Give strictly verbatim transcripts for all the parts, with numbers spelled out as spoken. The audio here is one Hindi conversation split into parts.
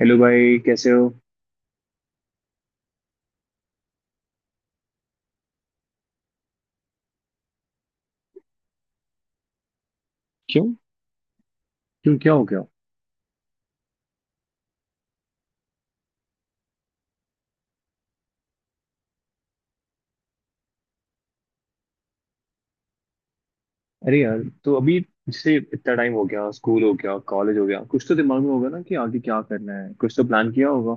हेलो भाई, कैसे हो? क्यों? क्यों क्या हो गया? अरे यार, तो अभी जैसे इतना टाइम हो गया, स्कूल हो गया, कॉलेज हो गया, कुछ तो दिमाग में होगा ना कि आगे क्या करना है, कुछ तो प्लान किया होगा।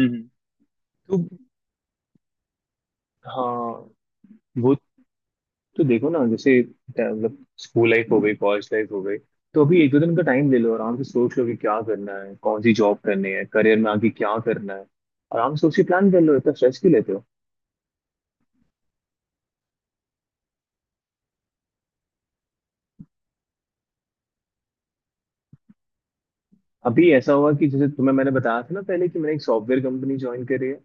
हम्म। तो, हाँ। वो तो देखो ना, जैसे मतलब स्कूल लाइफ हो गई, कॉलेज लाइफ हो गई। तो अभी एक दो दिन का टाइम ले लो, आराम से सोच लो कि क्या करना है, कौन सी जॉब करनी है, करियर में आगे क्या करना है। आराम से उसी प्लान कर लो, इतना स्ट्रेस क्यों लेते हो? अभी ऐसा हुआ कि जैसे तुम्हें मैंने बताया था ना पहले, कि मैंने एक सॉफ्टवेयर कंपनी ज्वाइन करी है।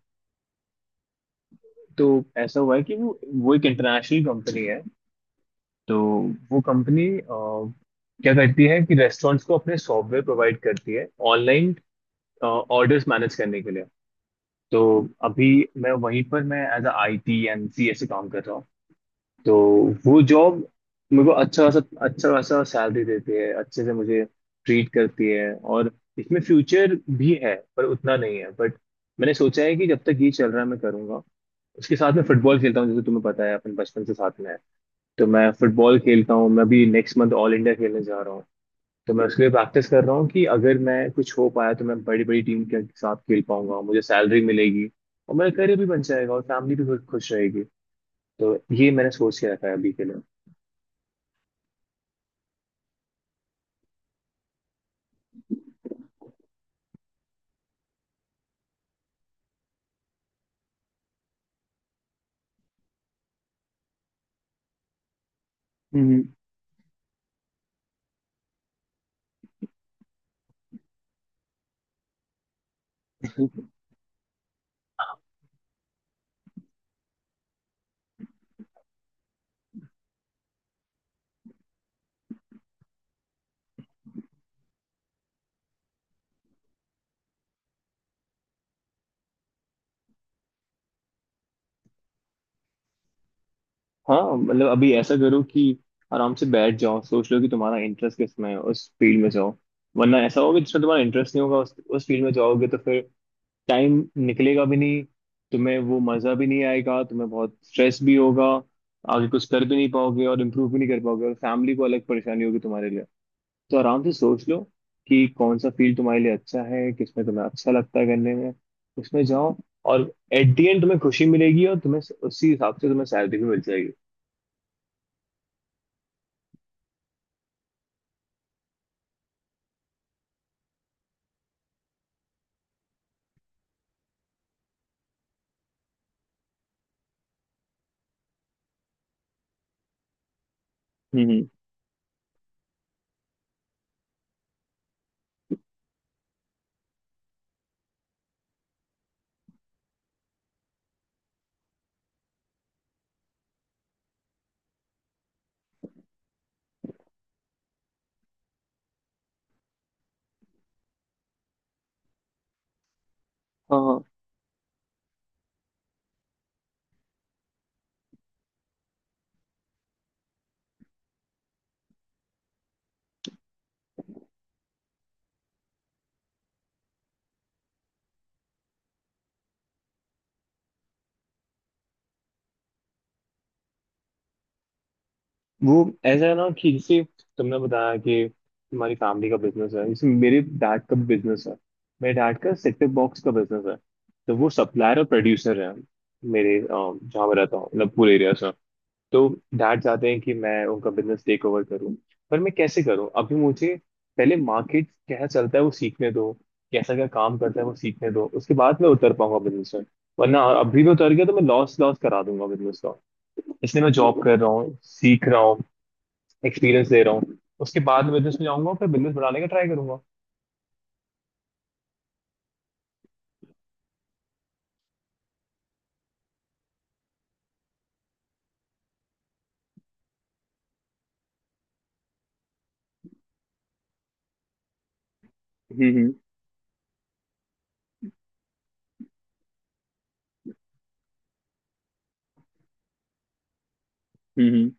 तो ऐसा हुआ है कि वो वो एक इंटरनेशनल कंपनी है। तो वो कंपनी क्या करती है कि रेस्टोरेंट्स को अपने सॉफ्टवेयर प्रोवाइड करती है ऑनलाइन ऑर्डर्स मैनेज करने के लिए। तो अभी मैं वहीं पर, मैं as a I T and C S से काम कर रहा हूँ। तो वो जॉब मेरे को अच्छा खासा अच्छा खासा सैलरी देती है, अच्छे से मुझे ट्रीट करती है, और इसमें फ्यूचर भी है पर उतना नहीं है। बट मैंने सोचा है कि जब तक ये चल रहा है मैं करूंगा। उसके साथ मैं फुटबॉल खेलता हूँ, जैसे तुम्हें पता है, अपन बचपन से साथ में है। तो मैं फुटबॉल खेलता हूँ, मैं अभी नेक्स्ट मंथ ऑल इंडिया खेलने जा रहा हूँ। तो मैं उसके लिए प्रैक्टिस कर रहा हूँ कि अगर मैं कुछ हो पाया तो मैं बड़ी बड़ी टीम के साथ खेल पाऊंगा, मुझे सैलरी मिलेगी, और मेरा करियर भी बन जाएगा, और फैमिली भी खु- खुश रहेगी। तो ये मैंने सोच के रखा है अभी के लिए। हम्म, हाँ मतलब अभी ऐसा करो कि आराम से बैठ जाओ, सोच लो कि तुम्हारा इंटरेस्ट किस में है, उस फील्ड में जाओ। वरना ऐसा होगा जिसमें तुम्हारा इंटरेस्ट नहीं होगा, उस उस फील्ड में जाओगे तो फिर टाइम निकलेगा भी नहीं, तुम्हें वो मज़ा भी नहीं आएगा, तुम्हें बहुत स्ट्रेस भी होगा, आगे कुछ कर भी नहीं पाओगे और इम्प्रूव भी नहीं कर पाओगे, और फैमिली को अलग परेशानी होगी तुम्हारे लिए। तो आराम से सोच लो कि कौन सा फील्ड तुम्हारे लिए अच्छा है, किस में तुम्हें अच्छा लगता है करने में, उसमें जाओ। और एट दी एंड तुम्हें खुशी मिलेगी और तुम्हें उसी हिसाब से तुम्हें सैलरी भी मिल जाएगी। हम्म। हाँ हाँ। वो ऐसा है ना कि जैसे तुमने बताया कि तुम्हारी फैमिली का बिजनेस है, जैसे मेरे डैड का बिजनेस है। मेरे डैड का सेट टॉप बॉक्स का बिजनेस है। तो वो सप्लायर और प्रोड्यूसर है, मेरे अ, जहाँ मैं रहता हूँ, मतलब पूरे एरिया से। तो डैड चाहते हैं कि मैं उनका बिजनेस टेक ओवर करूँ, पर मैं कैसे करूँ? अभी मुझे पहले मार्केट कैसा चलता है वो सीखने दो, कैसा क्या काम करता है वो सीखने दो, उसके बाद मैं उतर पाऊंगा बिजनेस में। वरना अभी मैं उतर गया तो मैं लॉस लॉस करा दूंगा बिजनेस। इसलिए मैं जॉब कर रहा हूँ, सीख रहा हूँ, एक्सपीरियंस ले रहा हूँ, उसके बाद मैं बिजनेस में जाऊंगा, फिर बिजनेस बढ़ाने का ट्राई करूंगा। हम्म, हम्म, हम्म, हम्म।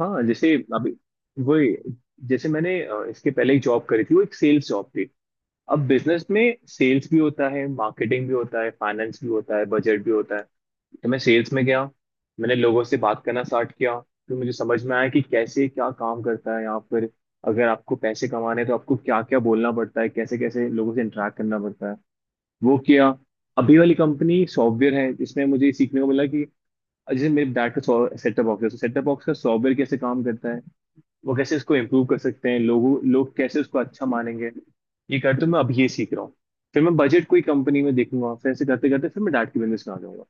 हाँ, जैसे अभी वही, जैसे मैंने अ, इसके पहले एक जॉब करी थी, वो एक सेल्स जॉब थी। अब बिजनेस में सेल्स भी होता है, मार्केटिंग भी होता है, फाइनेंस भी होता है, बजट भी होता है। तो मैं सेल्स में गया, मैंने लोगों से बात करना स्टार्ट किया, फिर मुझे समझ में आया कि कैसे क्या काम करता है यहाँ पर, अगर आपको पैसे कमाने हैं तो आपको क्या क्या बोलना पड़ता है, कैसे कैसे लोगों से इंटरेक्ट करना पड़ता है, वो किया। अभी वाली कंपनी सॉफ्टवेयर है, इसमें मुझे ये सीखने को मिला कि जैसे मेरे डैड का सेटअप बॉक्स है तो सेटअप बॉक्स का सॉफ्टवेयर कैसे काम करता है, वो कैसे उसको इम्प्रूव कर सकते हैं, लोगों लोग कैसे उसको अच्छा मानेंगे। ये करते हुए मैं अभी ये सीख रहा हूँ। फिर मैं बजट कोई कंपनी में देखूंगा, फिर ऐसे करते करते फिर मैं डैड के बिजनेस में आ जाऊंगा।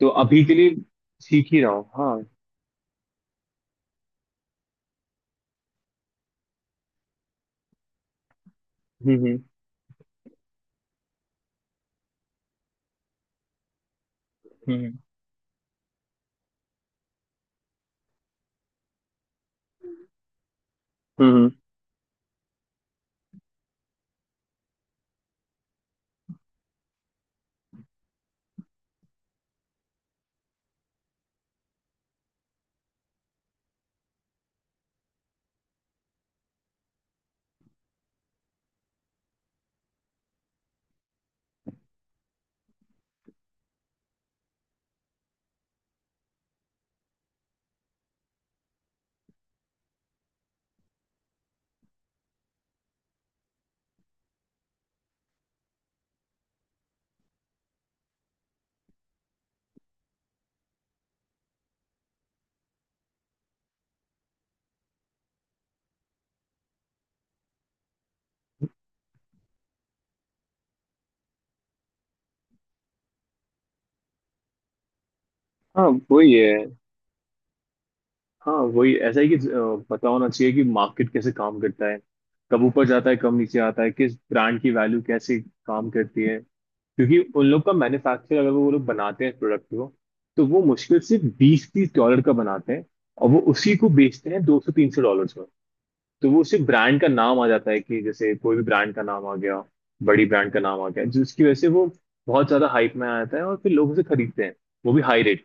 तो अभी के लिए सीख ही रहा हूँ, हाँ। हम्म, हम्म, हम्म, हम्म, हम्म। हाँ वही है, हाँ वही ऐसा है कि अ, पता होना चाहिए कि मार्केट कैसे काम करता है, कब ऊपर जाता है, कब नीचे आता है, किस ब्रांड की वैल्यू कैसे काम करती है। क्योंकि उन लोग का मैन्युफैक्चर, अगर वो लोग बनाते हैं प्रोडक्ट को, तो वो मुश्किल से बीस तीस डॉलर का बनाते हैं, और वो उसी को बेचते हैं दो सौ तीन सौ डॉलर में। तो वो उसी ब्रांड का नाम आ जाता है कि जैसे कोई भी ब्रांड का नाम आ गया, बड़ी ब्रांड का नाम आ गया, जिसकी वजह से वो बहुत ज्यादा हाइप में आ जाता है और फिर लोग उसे खरीदते हैं, वो भी हाई रेट।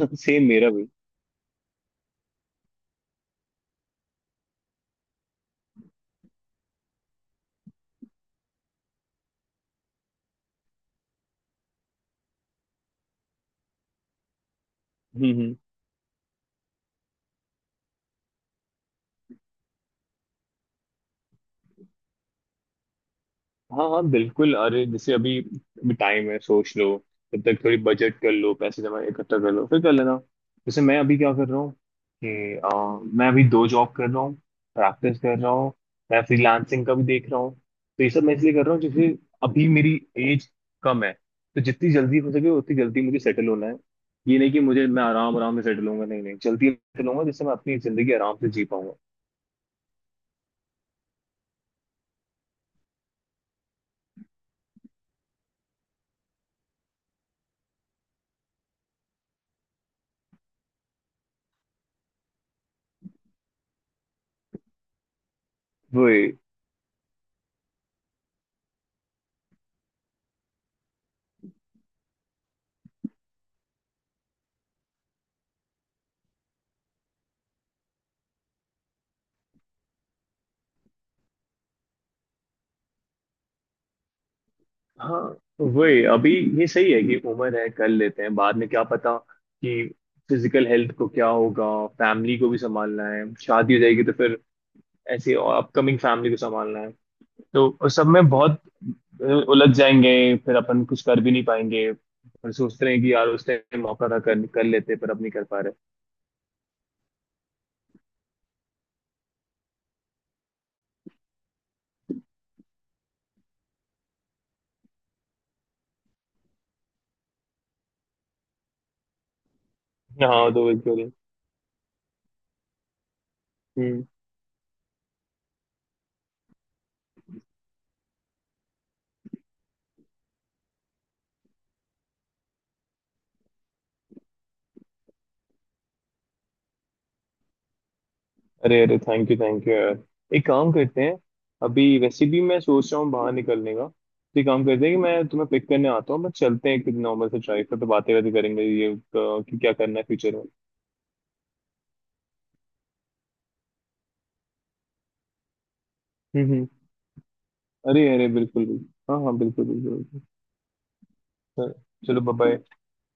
पर सेम मेरा भी। हम्म, हम्म। हाँ हाँ बिल्कुल, अरे जैसे अभी अभी टाइम है, सोच लो। तब तक थोड़ी बजट कर लो, पैसे जमा इकट्ठा कर लो, फिर कर लेना। जैसे मैं अभी क्या कर रहा हूँ कि अ, मैं अभी दो जॉब कर रहा हूँ, प्रैक्टिस कर रहा हूँ, मैं फ्रीलांसिंग का भी देख रहा हूँ। तो ये सब मैं इसलिए कर रहा हूँ जैसे अभी मेरी एज कम है, तो जितनी जल्दी हो सके उतनी जल्दी मुझे सेटल होना है। ये नहीं कि मुझे, मैं आराम आराम से सेटल होऊंगा, नहीं नहीं, जल्दी सेटल होऊंगा जिससे मैं अपनी जिंदगी आराम से जी पाऊंगा। हाँ वही अभी, ये सही है कि उम्र है, कर लेते हैं, बाद में क्या पता कि फिजिकल हेल्थ को क्या होगा, फैमिली को भी संभालना है, शादी हो जाएगी तो फिर ऐसे अपकमिंग फैमिली को संभालना है। तो उस सब में बहुत अ, उलझ जाएंगे, फिर अपन कुछ कर भी नहीं पाएंगे और सोचते हैं कि यार उस टाइम मौका था, कर, कर लेते पर अब नहीं कर पा रहे। हाँ, दो एक दो दिन। अरे अरे थैंक यू थैंक यू यार, एक काम करते हैं। अभी वैसे भी मैं सोच रहा हूँ बाहर निकलने का, तो एक काम करते हैं कि मैं तुम्हें पिक करने आता हूँ, बस चलते हैं नॉर्मल से ड्राइव पर, तो बातें बातें करेंगे ये अ, कि क्या करना है फ्यूचर में। हम्म, हम्म। अरे अरे बिल्कुल बिल्कुल। हाँ हाँ बिल्कुल बिल्कुल। बिल्कुल। चलो बाय।